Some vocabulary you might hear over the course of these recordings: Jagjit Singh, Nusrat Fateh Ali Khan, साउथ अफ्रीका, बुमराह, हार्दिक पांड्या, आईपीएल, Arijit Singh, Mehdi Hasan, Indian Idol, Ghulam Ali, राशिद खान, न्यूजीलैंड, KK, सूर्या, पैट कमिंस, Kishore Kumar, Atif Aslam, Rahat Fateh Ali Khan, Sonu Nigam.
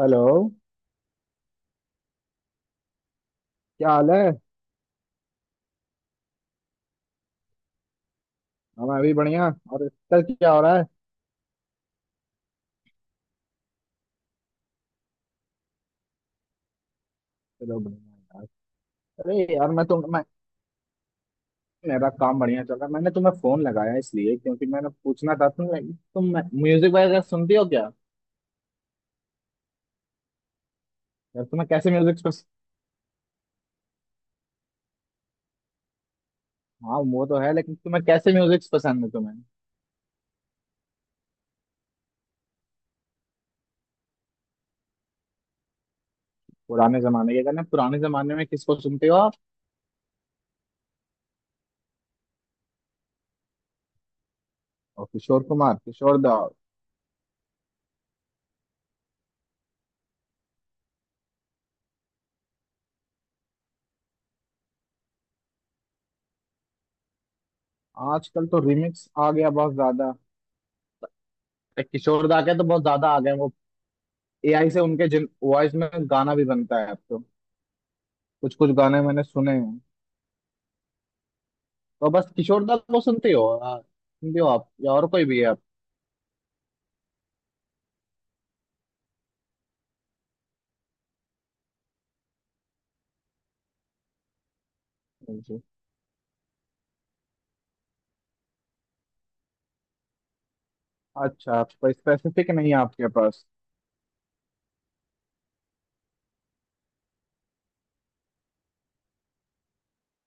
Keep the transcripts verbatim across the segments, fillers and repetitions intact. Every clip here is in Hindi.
हेलो। क्या हाल है? हाँ, मैं भी बढ़िया। और कल क्या हो रहा है? चलो बढ़िया। अरे यार मैं तुम मैं मेरा काम बढ़िया चल रहा है। मैंने तुम्हें फोन लगाया इसलिए क्योंकि मैंने पूछना था तुम तुम म्यूजिक वगैरह सुनती हो क्या? यार, तुम्हें कैसे म्यूजिक पसंद? हाँ, वो तो है, लेकिन तुम्हें कैसे म्यूजिक पसंद है तुम्हें? पुराने जमाने के गाने। पुराने जमाने में किसको सुनते हो आप? और किशोर कुमार? किशोर दा? आजकल तो रिमिक्स आ गया बहुत ज्यादा। एक किशोर दा के तो बहुत ज्यादा आ गए वो। एआई से उनके जिन वॉइस में गाना भी बनता है अब तो। कुछ कुछ गाने मैंने सुने हैं। तो बस किशोर दा को सुनते हो, आ, सुनते हो आप, या और कोई भी है आप? जी। अच्छा, आपको स्पेसिफिक नहीं है आपके पास?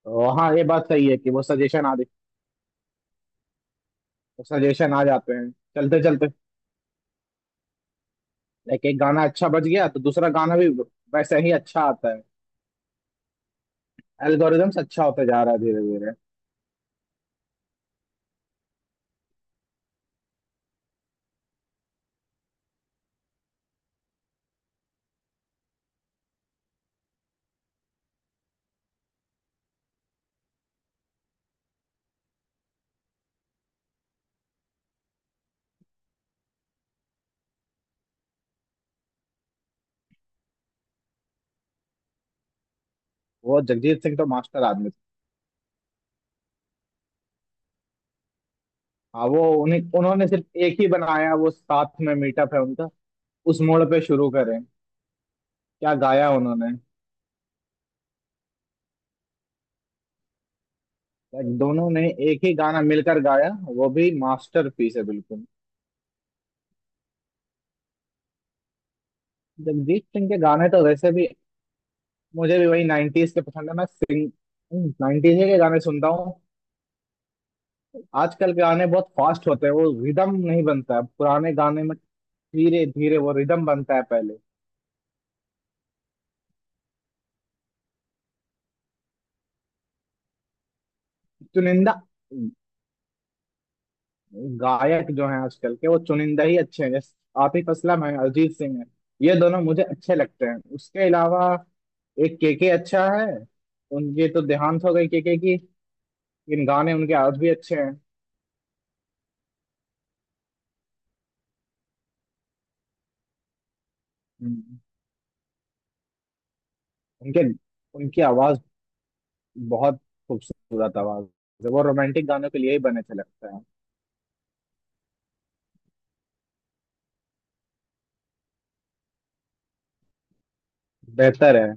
तो हाँ, ये बात सही है कि वो सजेशन आ वो सजेशन आ जाते हैं चलते चलते। लाइक एक गाना अच्छा बज गया तो दूसरा गाना भी वैसे ही अच्छा आता है। एल्गोरिदम्स अच्छा होता जा रहा है धीरे धीरे। वो जगजीत सिंह तो मास्टर आदमी थे। हाँ, वो उन्हें उन्होंने सिर्फ एक ही बनाया, वो साथ में मीटअप है उनका। उस मोड़ पे शुरू करें। क्या गाया उन्होंने! दोनों ने एक ही गाना मिलकर गाया। वो भी मास्टरपीस है बिल्कुल। जगजीत सिंह के गाने तो वैसे भी मुझे भी वही नाइंटीज के पसंद है। मैं सिंग नाइंटीज के गाने सुनता हूँ। आजकल के गाने बहुत फास्ट होते हैं, वो रिदम नहीं बनता है पुराने गाने में। धीरे धीरे वो रिदम बनता है पहले। चुनिंदा गायक जो है आजकल के, वो चुनिंदा ही अच्छे हैं, जैसे आतिफ असलम है, अरिजीत सिंह है। ये दोनों मुझे अच्छे लगते हैं। उसके अलावा एक केके अच्छा है। उनकी तो देहांत हो गई केके की। लेकिन गाने उनके आज भी अच्छे हैं। हम्म। उनके उनकी आवाज बहुत खूबसूरत आवाज है। वो रोमांटिक गानों के लिए ही बने थे लगता है। बेहतर है।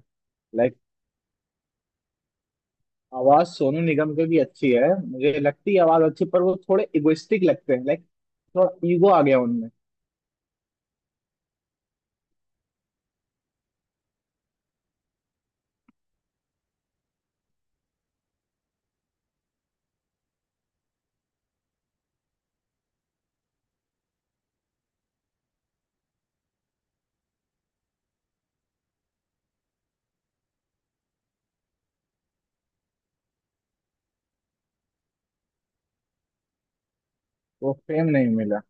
लाइक। आवाज सोनू निगम की भी अच्छी है मुझे लगती है। आवाज अच्छी, पर वो थोड़े इगोइस्टिक लगते हैं। लाइक थोड़ा ईगो आ गया उनमें। वो फेम नहीं मिला।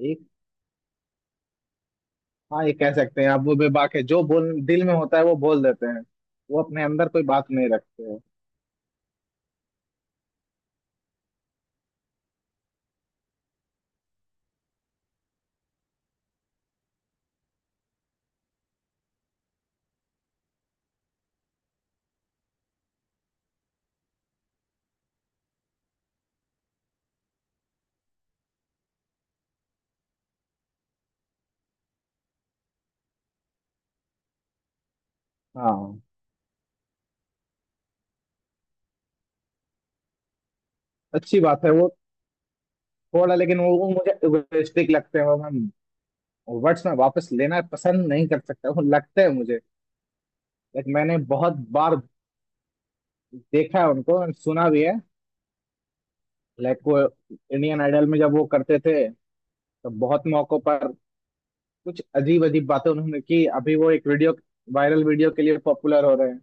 एक, हाँ, ये कह सकते हैं आप, वो बेबाक है। जो बोल दिल में होता है वो बोल देते हैं। वो अपने अंदर कोई बात नहीं रखते हैं। हाँ, अच्छी बात है वो। थोड़ा, लेकिन वो वो मुझे इगोइस्टिक लगते हैं। वो मैं वर्ड्स में वापस लेना पसंद नहीं कर सकता हूँ, लगता है मुझे। लाइक मैंने बहुत बार देखा है उनको and सुना भी है। लाइक वो इंडियन आइडल में जब वो करते थे तो बहुत मौकों पर कुछ अजीब अजीब बातें उन्होंने की। अभी वो एक वीडियो वायरल वीडियो के लिए पॉपुलर हो रहे हैं।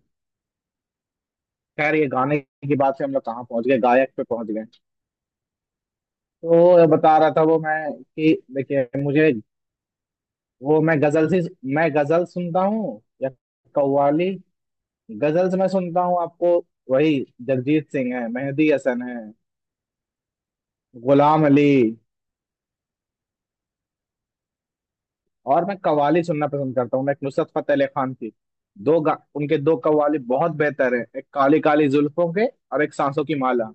खैर, ये गाने की बात से हम लोग कहाँ पहुंच गए, गायक पे पहुंच गए। तो ये बता रहा था वो मैं कि देखिए मुझे, वो मैं गजल से मैं गजल सुनता हूँ या कव्वाली। गजल्स मैं सुनता हूँ आपको। वही जगजीत सिंह है, मेहदी हसन है, गुलाम अली। और मैं कव्वाली सुनना पसंद करता हूँ। मैं एक नुसरत फतेह अली खान की दो गा, उनके दो कव्वाली बहुत बेहतर है। एक काली काली जुल्फों के, और एक सांसों की माला।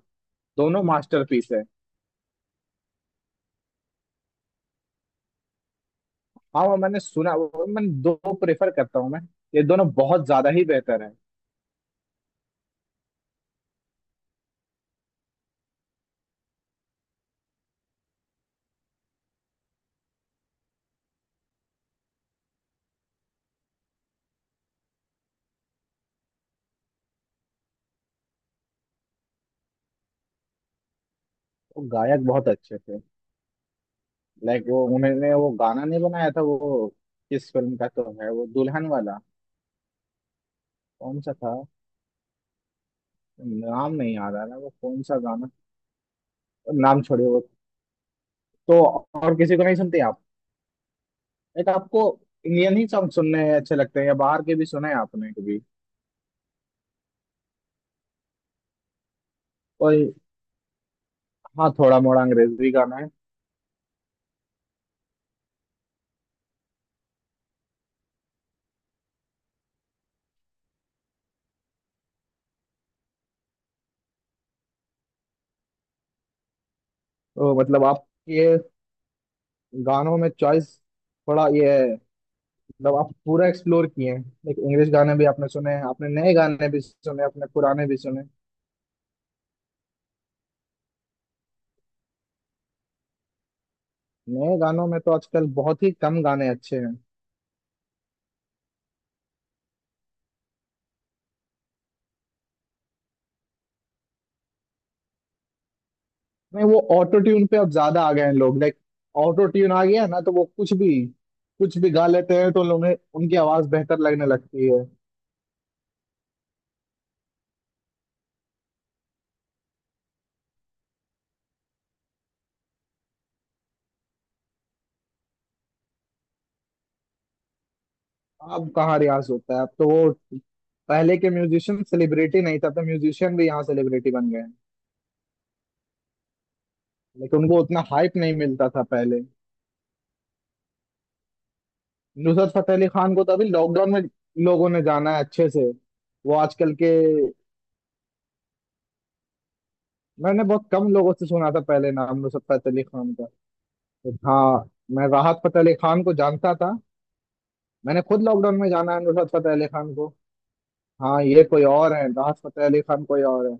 दोनों मास्टरपीस है। हाँ, वो मैंने सुना। वो मैं दो प्रेफर करता हूँ मैं। ये दोनों बहुत ज्यादा ही बेहतर है। वो गायक बहुत अच्छे थे। लाइक वो उन्होंने वो गाना नहीं बनाया था, वो किस फिल्म का तो है, वो दुल्हन वाला। कौन सा था? नाम नहीं याद आ रहा वो कौन सा गाना। नाम छोड़िए वो। तो और किसी को नहीं सुनते आप? एक आपको इंडियन ही सॉन्ग सुनने अच्छे लगते हैं, या बाहर के भी सुने हैं आपने कभी? और हाँ, थोड़ा मोड़ा अंग्रेजी गाना है। तो मतलब आप ये गानों में चॉइस थोड़ा ये है, मतलब आप पूरा एक्सप्लोर किए हैं। एक इंग्लिश गाने भी आपने सुने हैं, आपने नए गाने भी सुने, अपने पुराने भी सुने। नए गानों में तो आजकल बहुत ही कम गाने अच्छे हैं। नहीं, वो ऑटो ट्यून पे अब ज्यादा आ गए हैं लोग। लाइक ऑटो ट्यून आ गया है ना, तो वो कुछ भी कुछ भी गा लेते हैं। तो उन्हें उनकी आवाज बेहतर लगने लगती है। अब कहाँ रियाज होता है, अब तो वो। पहले के म्यूजिशियन सेलिब्रिटी नहीं था, तो म्यूजिशियन भी यहाँ सेलिब्रिटी बन गए हैं। लेकिन उनको उतना हाइप नहीं मिलता था पहले। नुसरत फतेह अली खान को तो अभी लॉकडाउन में लोगों ने जाना है अच्छे से। वो आजकल के। मैंने बहुत कम लोगों से सुना था पहले नाम नुसरत फतेह अली खान का। हाँ, मैं राहत फतेह अली खान को जानता था। मैंने खुद लॉकडाउन में जाना है नुसरत फतेह अली खान को। हाँ, ये कोई और है, राहत फतेह अली खान कोई और है।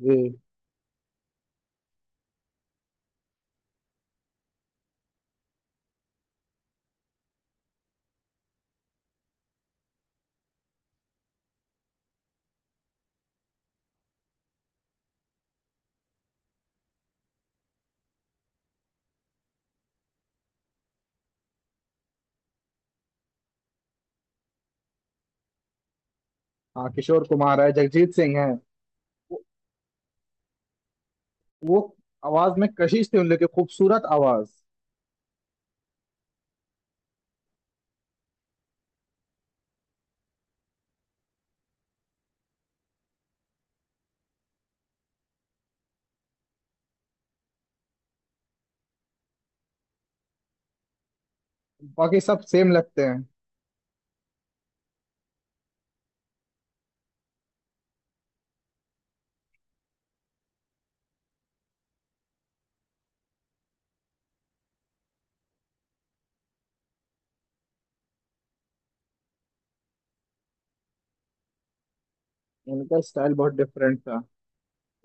जी। हाँ, किशोर कुमार है, जगजीत सिंह है। वो, वो आवाज में कशिश थी उन लोग की, खूबसूरत आवाज। बाकी सब सेम लगते हैं। उनका स्टाइल बहुत डिफरेंट था।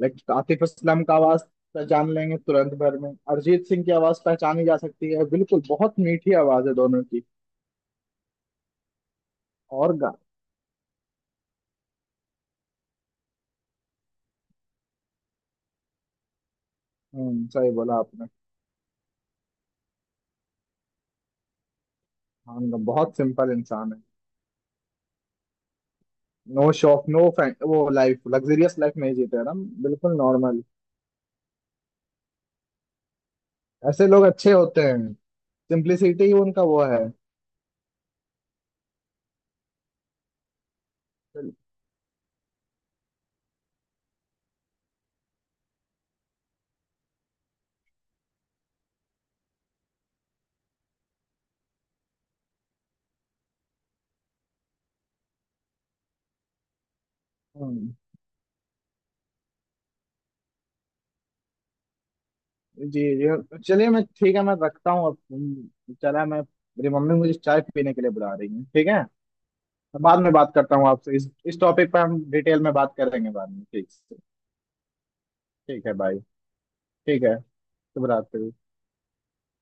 लाइक आतिफ असलम का आवाज पहचान लेंगे तुरंत भर में। अरिजीत सिंह की आवाज पहचानी जा सकती है बिल्कुल, बहुत मीठी आवाज है दोनों की। और गा। हम्म, सही बोला आपने। हाँ, उनका बहुत सिंपल इंसान है। No shop no. वो लाइफ लग्जरियस लाइफ नहीं जीते हैं, हम बिल्कुल नॉर्मल। ऐसे लोग अच्छे होते हैं। सिंप्लिसिटी ही उनका वो है। हम्म, जी जी, चलिए। मैं ठीक है, मैं रखता हूँ अब। हम्म, चला मैं, मेरी मम्मी मुझे चाय पीने के लिए बुला रही है, ठीक है? मैं बाद में बात करता हूँ आपसे। इस इस टॉपिक पर हम डिटेल में बात करेंगे बाद में ठीक से। ठीक है भाई। ठीक है। शुभ रात्रि।